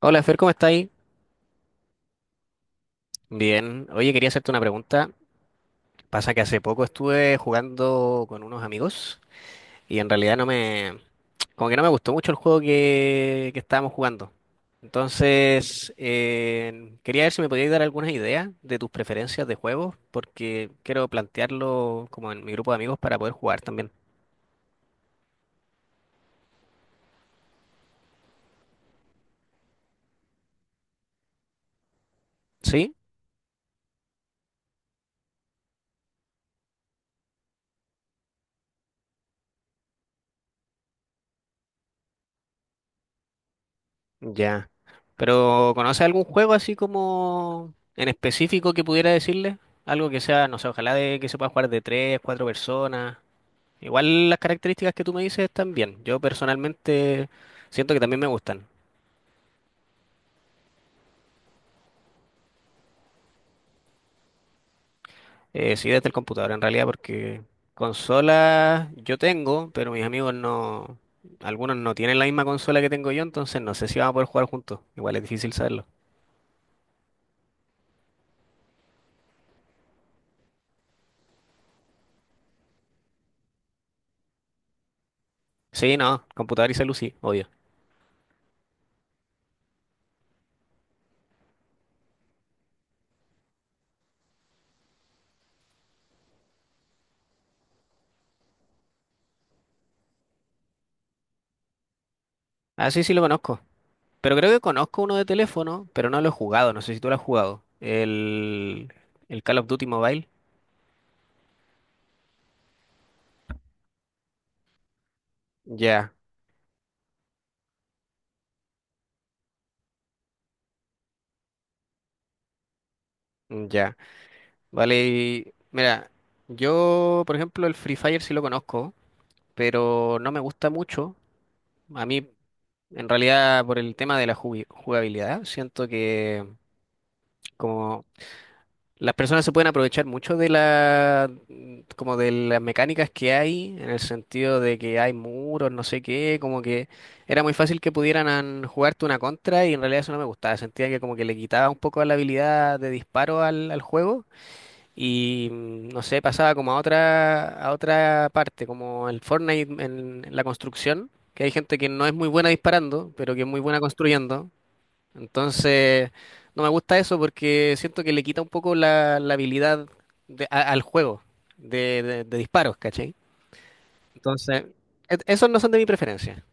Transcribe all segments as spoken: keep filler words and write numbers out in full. Hola, Fer, ¿cómo estáis? Bien. Oye, quería hacerte una pregunta. Pasa que hace poco estuve jugando con unos amigos y en realidad no me, como que no me gustó mucho el juego que, que estábamos jugando. Entonces, eh, quería ver si me podías dar algunas ideas de tus preferencias de juegos, porque quiero plantearlo como en mi grupo de amigos para poder jugar también. ¿Sí? Ya. Pero ¿conoce algún juego así como en específico que pudiera decirle? Algo que sea, no sé, ojalá de que se pueda jugar de tres, cuatro personas. Igual las características que tú me dices están bien. Yo personalmente siento que también me gustan. Eh, sí, desde el computador en realidad, porque consolas yo tengo, pero mis amigos no, algunos no tienen la misma consola que tengo yo, entonces no sé si vamos a poder jugar juntos. Igual es difícil saberlo. Sí, no, computador y celu sí, obvio. Ah, sí, sí lo conozco. Pero creo que conozco uno de teléfono, pero no lo he jugado. No sé si tú lo has jugado. El, el Call of Duty Mobile. Ya, ya. Vale, y mira, yo, por ejemplo, el Free Fire sí lo conozco, pero no me gusta mucho. A mí, en realidad, por el tema de la jugi- jugabilidad, siento que, como las personas se pueden aprovechar mucho de la, mm, como de las mecánicas que hay, en el sentido de que hay muros, no sé qué, como que era muy fácil que pudieran an- jugarte una contra y en realidad eso no me gustaba. Sentía que como que le quitaba un poco la habilidad de disparo al, al juego y mm, no sé, pasaba como a otra, a otra parte, como el Fortnite en, en la construcción, que hay gente que no es muy buena disparando, pero que es muy buena construyendo. Entonces, no me gusta eso porque siento que le quita un poco la, la habilidad de- a- al juego de, de- de disparos, ¿cachai? Entonces, e- esos no son de mi preferencia.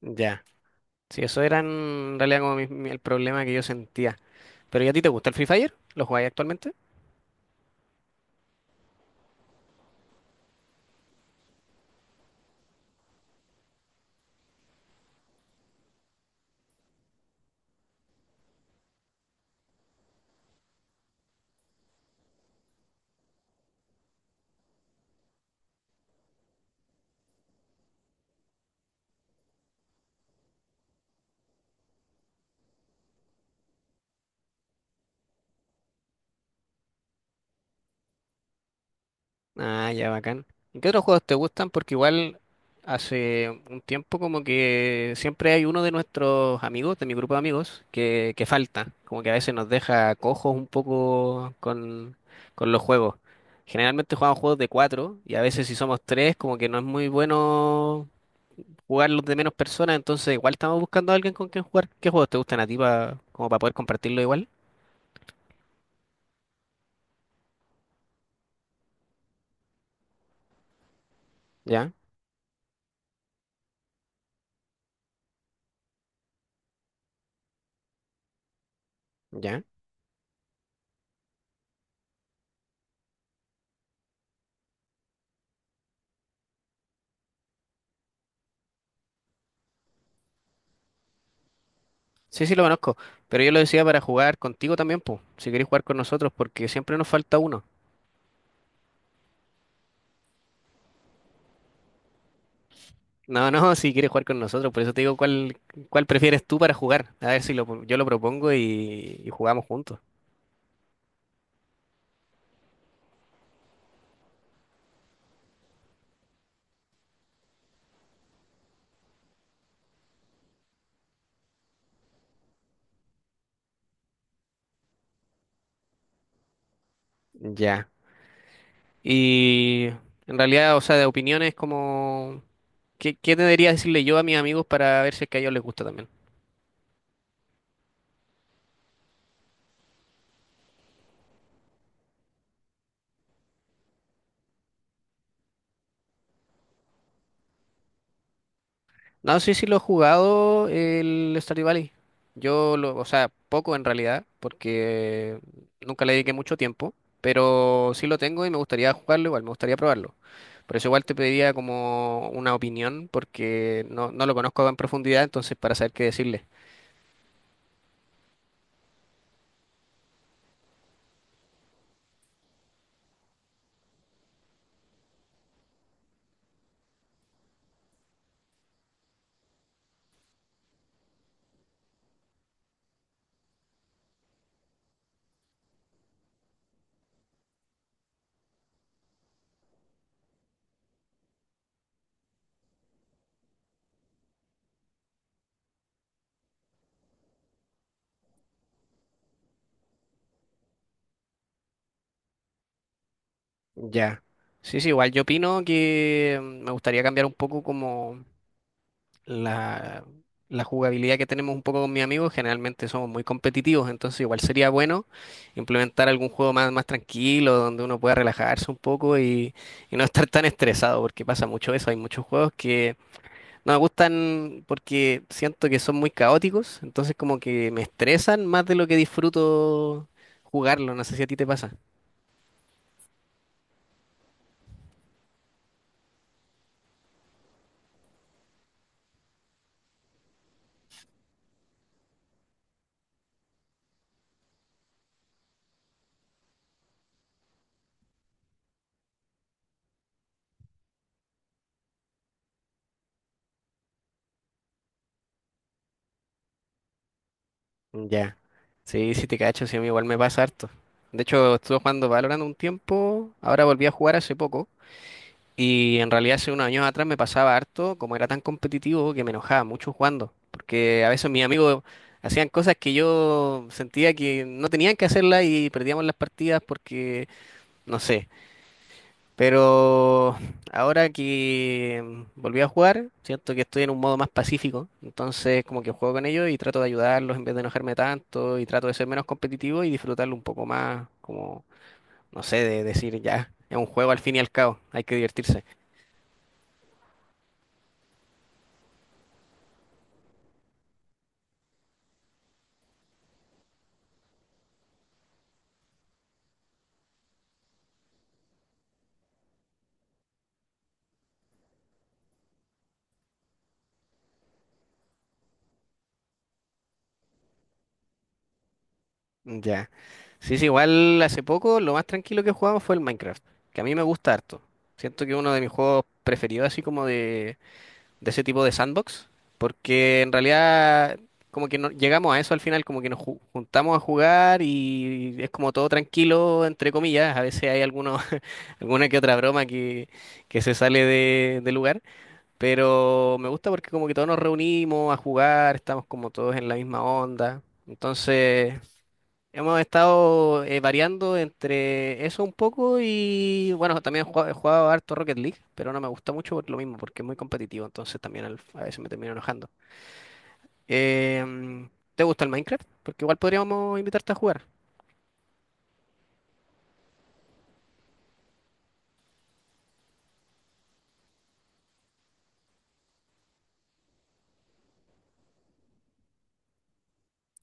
Ya. Sí, eso era en realidad como mi- mi- el problema que yo sentía. Pero ¿y a ti te gusta el Free Fire? ¿Lo jugáis actualmente? Ah, ya bacán. ¿Y qué otros juegos te gustan? Porque igual hace un tiempo como que siempre hay uno de nuestros amigos, de mi grupo de amigos, que, que falta. Como que a veces nos deja cojos un poco con, con los juegos. Generalmente jugamos juegos de cuatro y a veces si somos tres como que no es muy bueno jugarlos de menos personas, entonces igual estamos buscando a alguien con quien jugar. ¿Qué juegos te gustan a ti pa- como para poder compartirlo igual? Ya, ya. Sí, sí, lo conozco, pero yo lo decía para jugar contigo también, pues, si quieres jugar con nosotros, porque siempre nos falta uno. No, no, si quieres jugar con nosotros, por eso te digo cuál, cuál prefieres tú para jugar. A ver si lo, pro- yo lo propongo y, y jugamos juntos. Ya. Y en realidad, o sea, de opiniones como, ¿qué, qué debería decirle yo a mis amigos para ver si es que a ellos les gusta también? No, sí, sí lo he jugado el Stardew Valley. Yo lo, o sea, poco en realidad, porque nunca le dediqué mucho tiempo, pero sí lo tengo y me gustaría jugarlo igual, me gustaría probarlo. Por eso igual te pediría como una opinión, porque no, no lo conozco en profundidad, entonces para saber qué decirle. Ya. Sí, sí, igual yo opino que mm, me gustaría cambiar un poco como la, la jugabilidad que tenemos un poco con mis amigos, generalmente somos muy competitivos, entonces igual sería bueno implementar algún juego más, más tranquilo, donde uno pueda relajarse un poco y, y no estar tan estresado, porque pasa mucho eso, hay muchos juegos que no me gustan porque siento que son muy caóticos, entonces como que me estresan más de lo que disfruto jugarlo, no sé si a ti te pasa. Ya. Sí, sí te cacho, sí, a mí igual me pasa harto. De hecho, estuve jugando Valorant un tiempo, ahora volví a jugar hace poco. Y en realidad hace unos años atrás me pasaba harto, como era tan competitivo, que me enojaba mucho jugando, porque a veces mis amigos hacían cosas que yo sentía que no tenían que hacerlas y perdíamos las partidas porque, no sé. Pero ahora que volví a jugar, siento que estoy en un modo más pacífico, entonces como que juego con ellos y trato de ayudarlos en vez de enojarme tanto y trato de ser menos competitivo y disfrutarlo un poco más, como, no sé, de decir ya, es un juego al fin y al cabo, hay que divertirse. Ya. Sí, sí, igual hace poco lo más tranquilo que jugamos fue el Minecraft, que a mí me gusta harto. Siento que es uno de mis juegos preferidos, así como de, de ese tipo de sandbox, porque en realidad como que no, llegamos a eso al final, como que nos ju- juntamos a jugar y es como todo tranquilo, entre comillas. A veces hay algunos, alguna que otra broma que, que se sale de, de lugar, pero me gusta porque como que todos nos reunimos a jugar, estamos como todos en la misma onda. Entonces, hemos estado eh, variando entre eso un poco y bueno, también he jugado, he jugado harto Rocket League, pero no me gusta mucho por lo mismo, porque es muy competitivo, entonces también al- a veces me termino enojando. Em, ¿te gusta el Minecraft? Porque igual podríamos invitarte a jugar.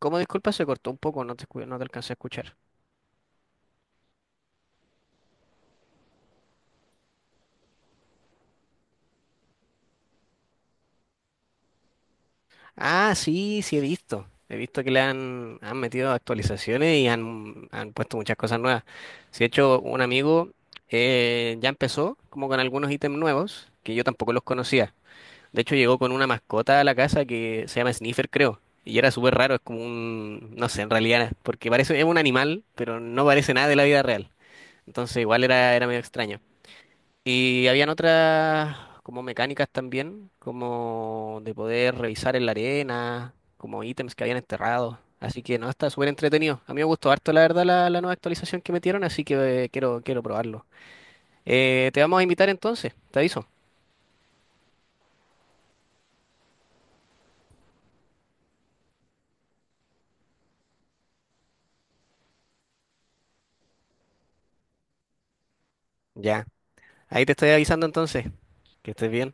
Como disculpa, se cortó un poco, no te, escu- no te alcancé a escuchar. Ah, sí, sí he visto. He visto que le han, han metido actualizaciones y han, han puesto muchas cosas nuevas. Si de hecho, un amigo eh, ya empezó como con algunos ítems nuevos que yo tampoco los conocía. De hecho, llegó con una mascota a la casa que se llama Sniffer, creo. Y era súper raro, es como un, no sé, en realidad, porque parece, es un animal, pero no parece nada de la vida real. Entonces igual era, era medio extraño. Y habían otras como mecánicas también, como de poder revisar en la arena, como ítems que habían enterrado. Así que no, está súper entretenido. A mí me gustó harto, la verdad, la, la nueva actualización que metieron, así que eh, quiero, quiero probarlo. Eh, te vamos a invitar entonces, te aviso. Ya, ahí te estoy avisando entonces, que estés bien.